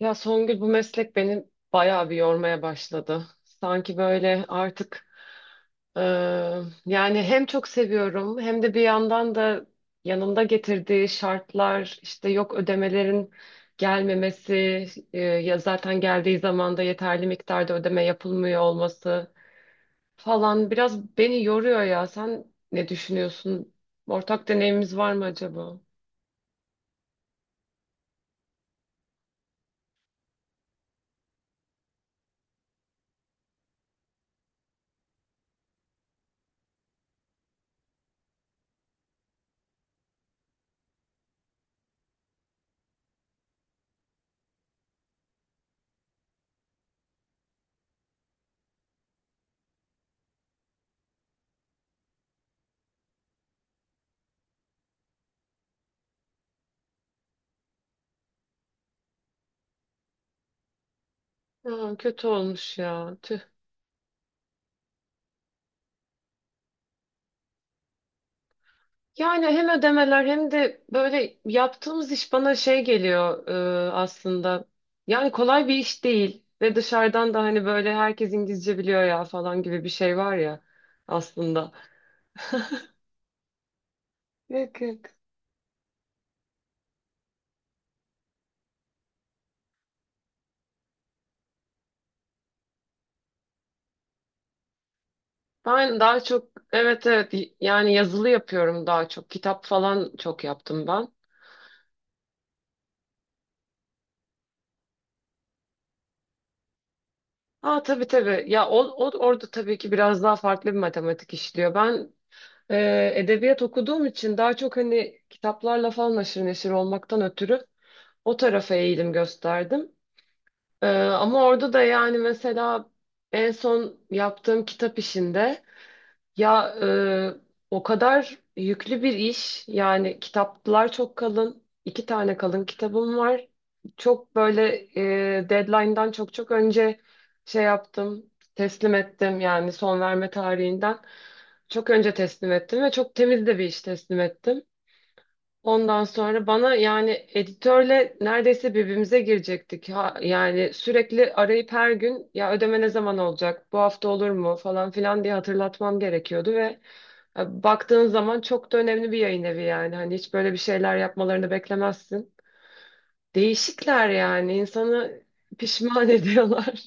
Ya Songül, bu meslek beni bayağı bir yormaya başladı. Sanki böyle artık e, yani hem çok seviyorum hem de bir yandan da yanında getirdiği şartlar, işte yok ödemelerin gelmemesi, ya zaten geldiği zaman da yeterli miktarda ödeme yapılmıyor olması falan biraz beni yoruyor ya. Sen ne düşünüyorsun? Ortak deneyimimiz var mı acaba? Aa, kötü olmuş ya. Tüh. Yani hem ödemeler hem de böyle yaptığımız iş bana şey geliyor aslında. Yani kolay bir iş değil ve dışarıdan da hani böyle herkes İngilizce biliyor ya falan gibi bir şey var ya aslında. Yok yok. Ben daha çok, evet evet, yani yazılı yapıyorum daha çok. Kitap falan çok yaptım ben. Aa, tabii tabii. Ya o orada tabii ki biraz daha farklı bir matematik işliyor. Ben, edebiyat okuduğum için daha çok hani kitaplarla falan haşır neşir olmaktan ötürü o tarafa eğilim gösterdim. Ama orada da yani mesela en son yaptığım kitap işinde, ya o kadar yüklü bir iş, yani kitaplar çok kalın, iki tane kalın kitabım var. Çok böyle, deadline'dan çok çok önce şey yaptım, teslim ettim, yani son verme tarihinden. Çok önce teslim ettim ve çok temiz de bir iş teslim ettim. Ondan sonra bana, yani editörle neredeyse birbirimize girecektik. Ha, yani sürekli arayıp her gün "Ya ödeme ne zaman olacak, bu hafta olur mu?" falan filan diye hatırlatmam gerekiyordu ve baktığın zaman çok da önemli bir yayın evi yani. Hani hiç böyle bir şeyler yapmalarını beklemezsin. Değişikler, yani insanı pişman ediyorlar.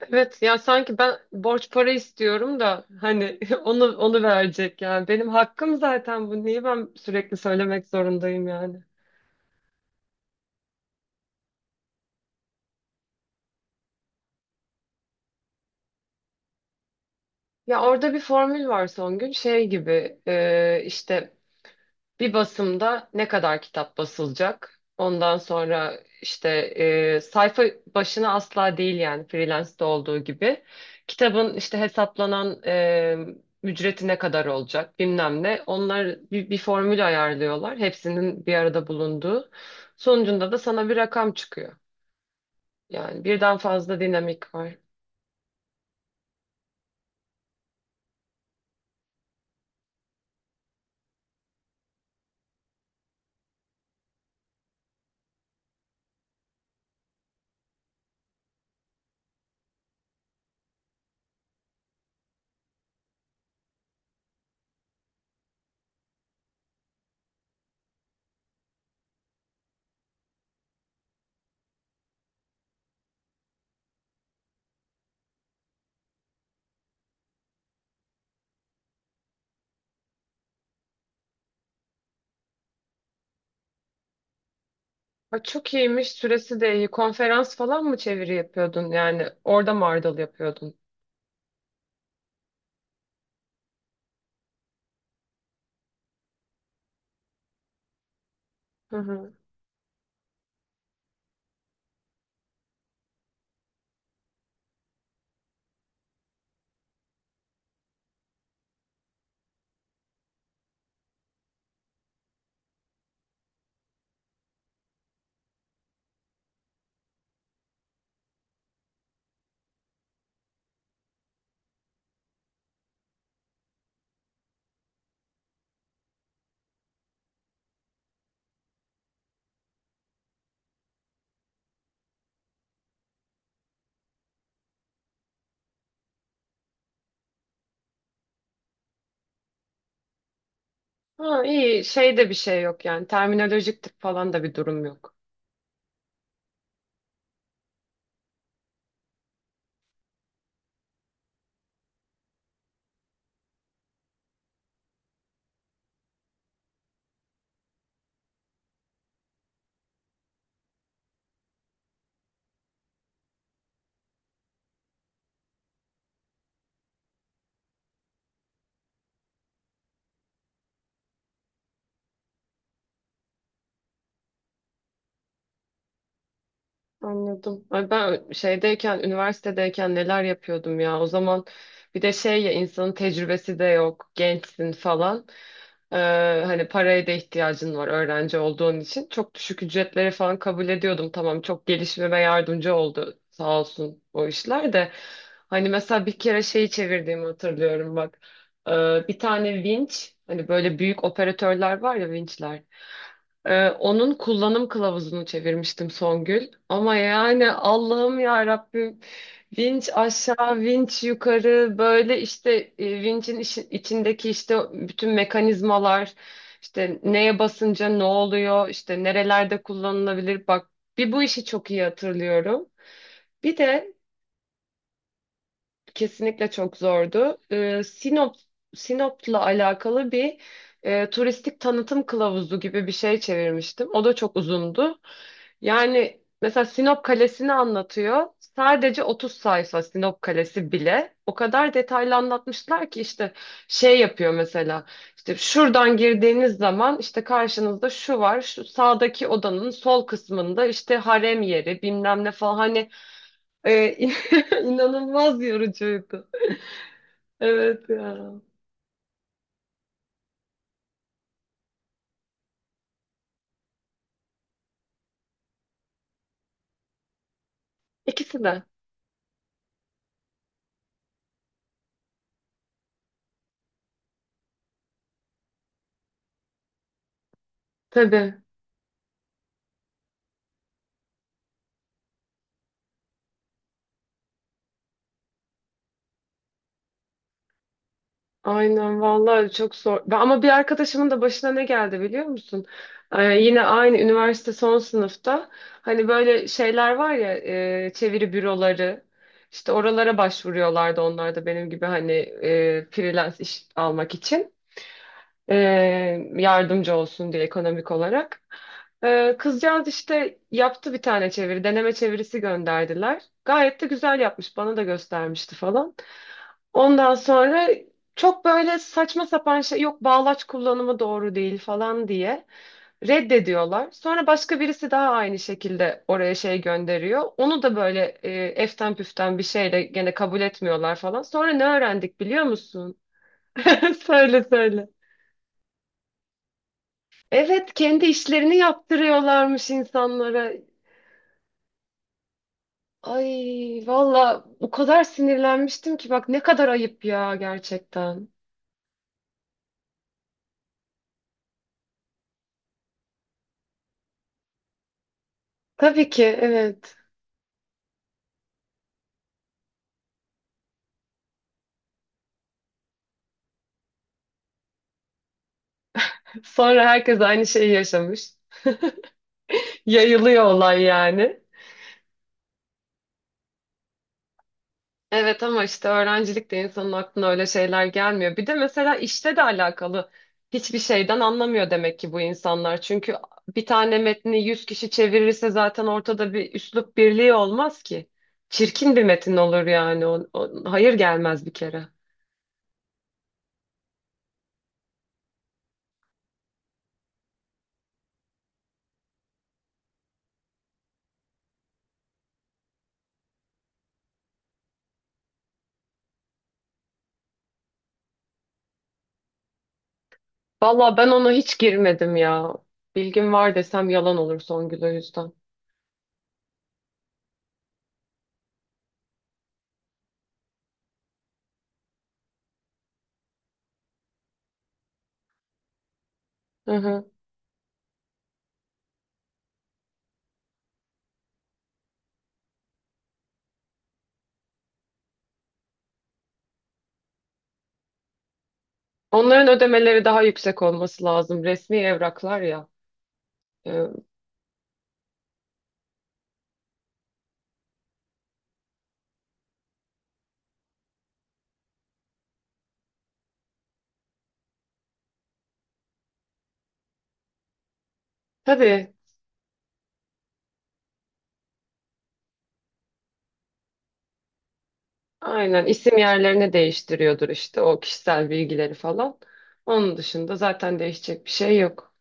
Evet ya, sanki ben borç para istiyorum da hani onu verecek yani. Benim hakkım zaten bu. Niye ben sürekli söylemek zorundayım yani? Ya orada bir formül var Songül, şey gibi, işte bir basımda ne kadar kitap basılacak? Ondan sonra işte, sayfa başına asla değil yani, freelance'de olduğu gibi. Kitabın işte hesaplanan ücreti ne kadar olacak, bilmem ne. Onlar bir formül ayarlıyorlar, hepsinin bir arada bulunduğu. Sonucunda da sana bir rakam çıkıyor. Yani birden fazla dinamik var. Ay, çok iyiymiş. Süresi de iyi. Konferans falan mı çeviri yapıyordun? Yani orada mı ardıl yapıyordun? Hı hı. Ha, iyi. Şey de bir şey yok yani, terminolojik tık falan da bir durum yok. Anladım. Ay ben şeydeyken, üniversitedeyken neler yapıyordum ya. O zaman bir de şey ya, insanın tecrübesi de yok, gençsin falan. Ee, Hani paraya da ihtiyacın var öğrenci olduğun için. Çok düşük ücretleri falan kabul ediyordum. Tamam, çok gelişmeme yardımcı oldu sağ olsun o işler de. Hani mesela bir kere şeyi çevirdiğimi hatırlıyorum bak. Bir tane vinç, hani böyle büyük operatörler var ya, vinçler. Onun kullanım kılavuzunu çevirmiştim Songül. Ama yani Allah'ım ya Rabbim, vinç aşağı, vinç yukarı, böyle işte vinçin işi- içindeki işte bütün mekanizmalar, işte neye basınca ne oluyor, işte nerelerde kullanılabilir, bak bir bu işi çok iyi hatırlıyorum. Bir de kesinlikle çok zordu. Sinop'la alakalı bir turistik tanıtım kılavuzu gibi bir şey çevirmiştim. O da çok uzundu. Yani mesela Sinop Kalesi'ni anlatıyor. Sadece 30 sayfa Sinop Kalesi bile. O kadar detaylı anlatmışlar ki işte şey yapıyor mesela. İşte şuradan girdiğiniz zaman işte karşınızda şu var. Şu sağdaki odanın sol kısmında işte harem yeri bilmem ne falan. Hani e, inanılmaz yorucuydu. Evet ya. İkisi de. Tabii. Aynen vallahi çok zor. Ben- ama bir arkadaşımın da başına ne geldi biliyor musun? Yine aynı üniversite son sınıfta, hani böyle şeyler var ya, çeviri büroları, işte oralara başvuruyorlardı onlar da benim gibi, hani freelance iş almak için, e, yardımcı olsun diye ekonomik olarak. E, kızcağız işte yaptı bir tane çeviri, deneme çevirisi gönderdiler. Gayet de güzel yapmış, bana da göstermişti falan. Ondan sonra çok böyle saçma sapan şey, yok bağlaç kullanımı doğru değil falan diye reddediyorlar. Sonra başka birisi daha aynı şekilde oraya şey gönderiyor. Onu da böyle, eften püften bir şeyle gene kabul etmiyorlar falan. Sonra ne öğrendik biliyor musun? Söyle söyle. Evet, kendi işlerini yaptırıyorlarmış insanlara. Ay valla, o kadar sinirlenmiştim ki, bak ne kadar ayıp ya gerçekten. Tabii ki evet. Sonra herkes aynı şeyi yaşamış. Yayılıyor olay yani. Evet, ama işte öğrencilikte insanın aklına öyle şeyler gelmiyor. Bir de mesela işte de alakalı hiçbir şeyden anlamıyor demek ki bu insanlar. Çünkü bir tane metni 100 kişi çevirirse zaten ortada bir üslup birliği olmaz ki. Çirkin bir metin olur yani. Hayır, gelmez bir kere. Valla ben ona hiç girmedim ya. Bilgim var desem yalan olur Songül, o yüzden. Hı hı. Onların ödemeleri daha yüksek olması lazım, resmi evraklar ya. Ee, tabii, aynen, isim yerlerini değiştiriyordur işte, o kişisel bilgileri falan. Onun dışında zaten değişecek bir şey yok.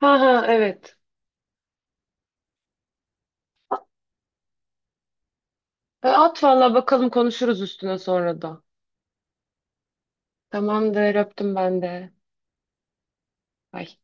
Ha ha, evet. E, at valla, bakalım konuşuruz üstüne sonra da. Tamamdır, öptüm ben de. Bay.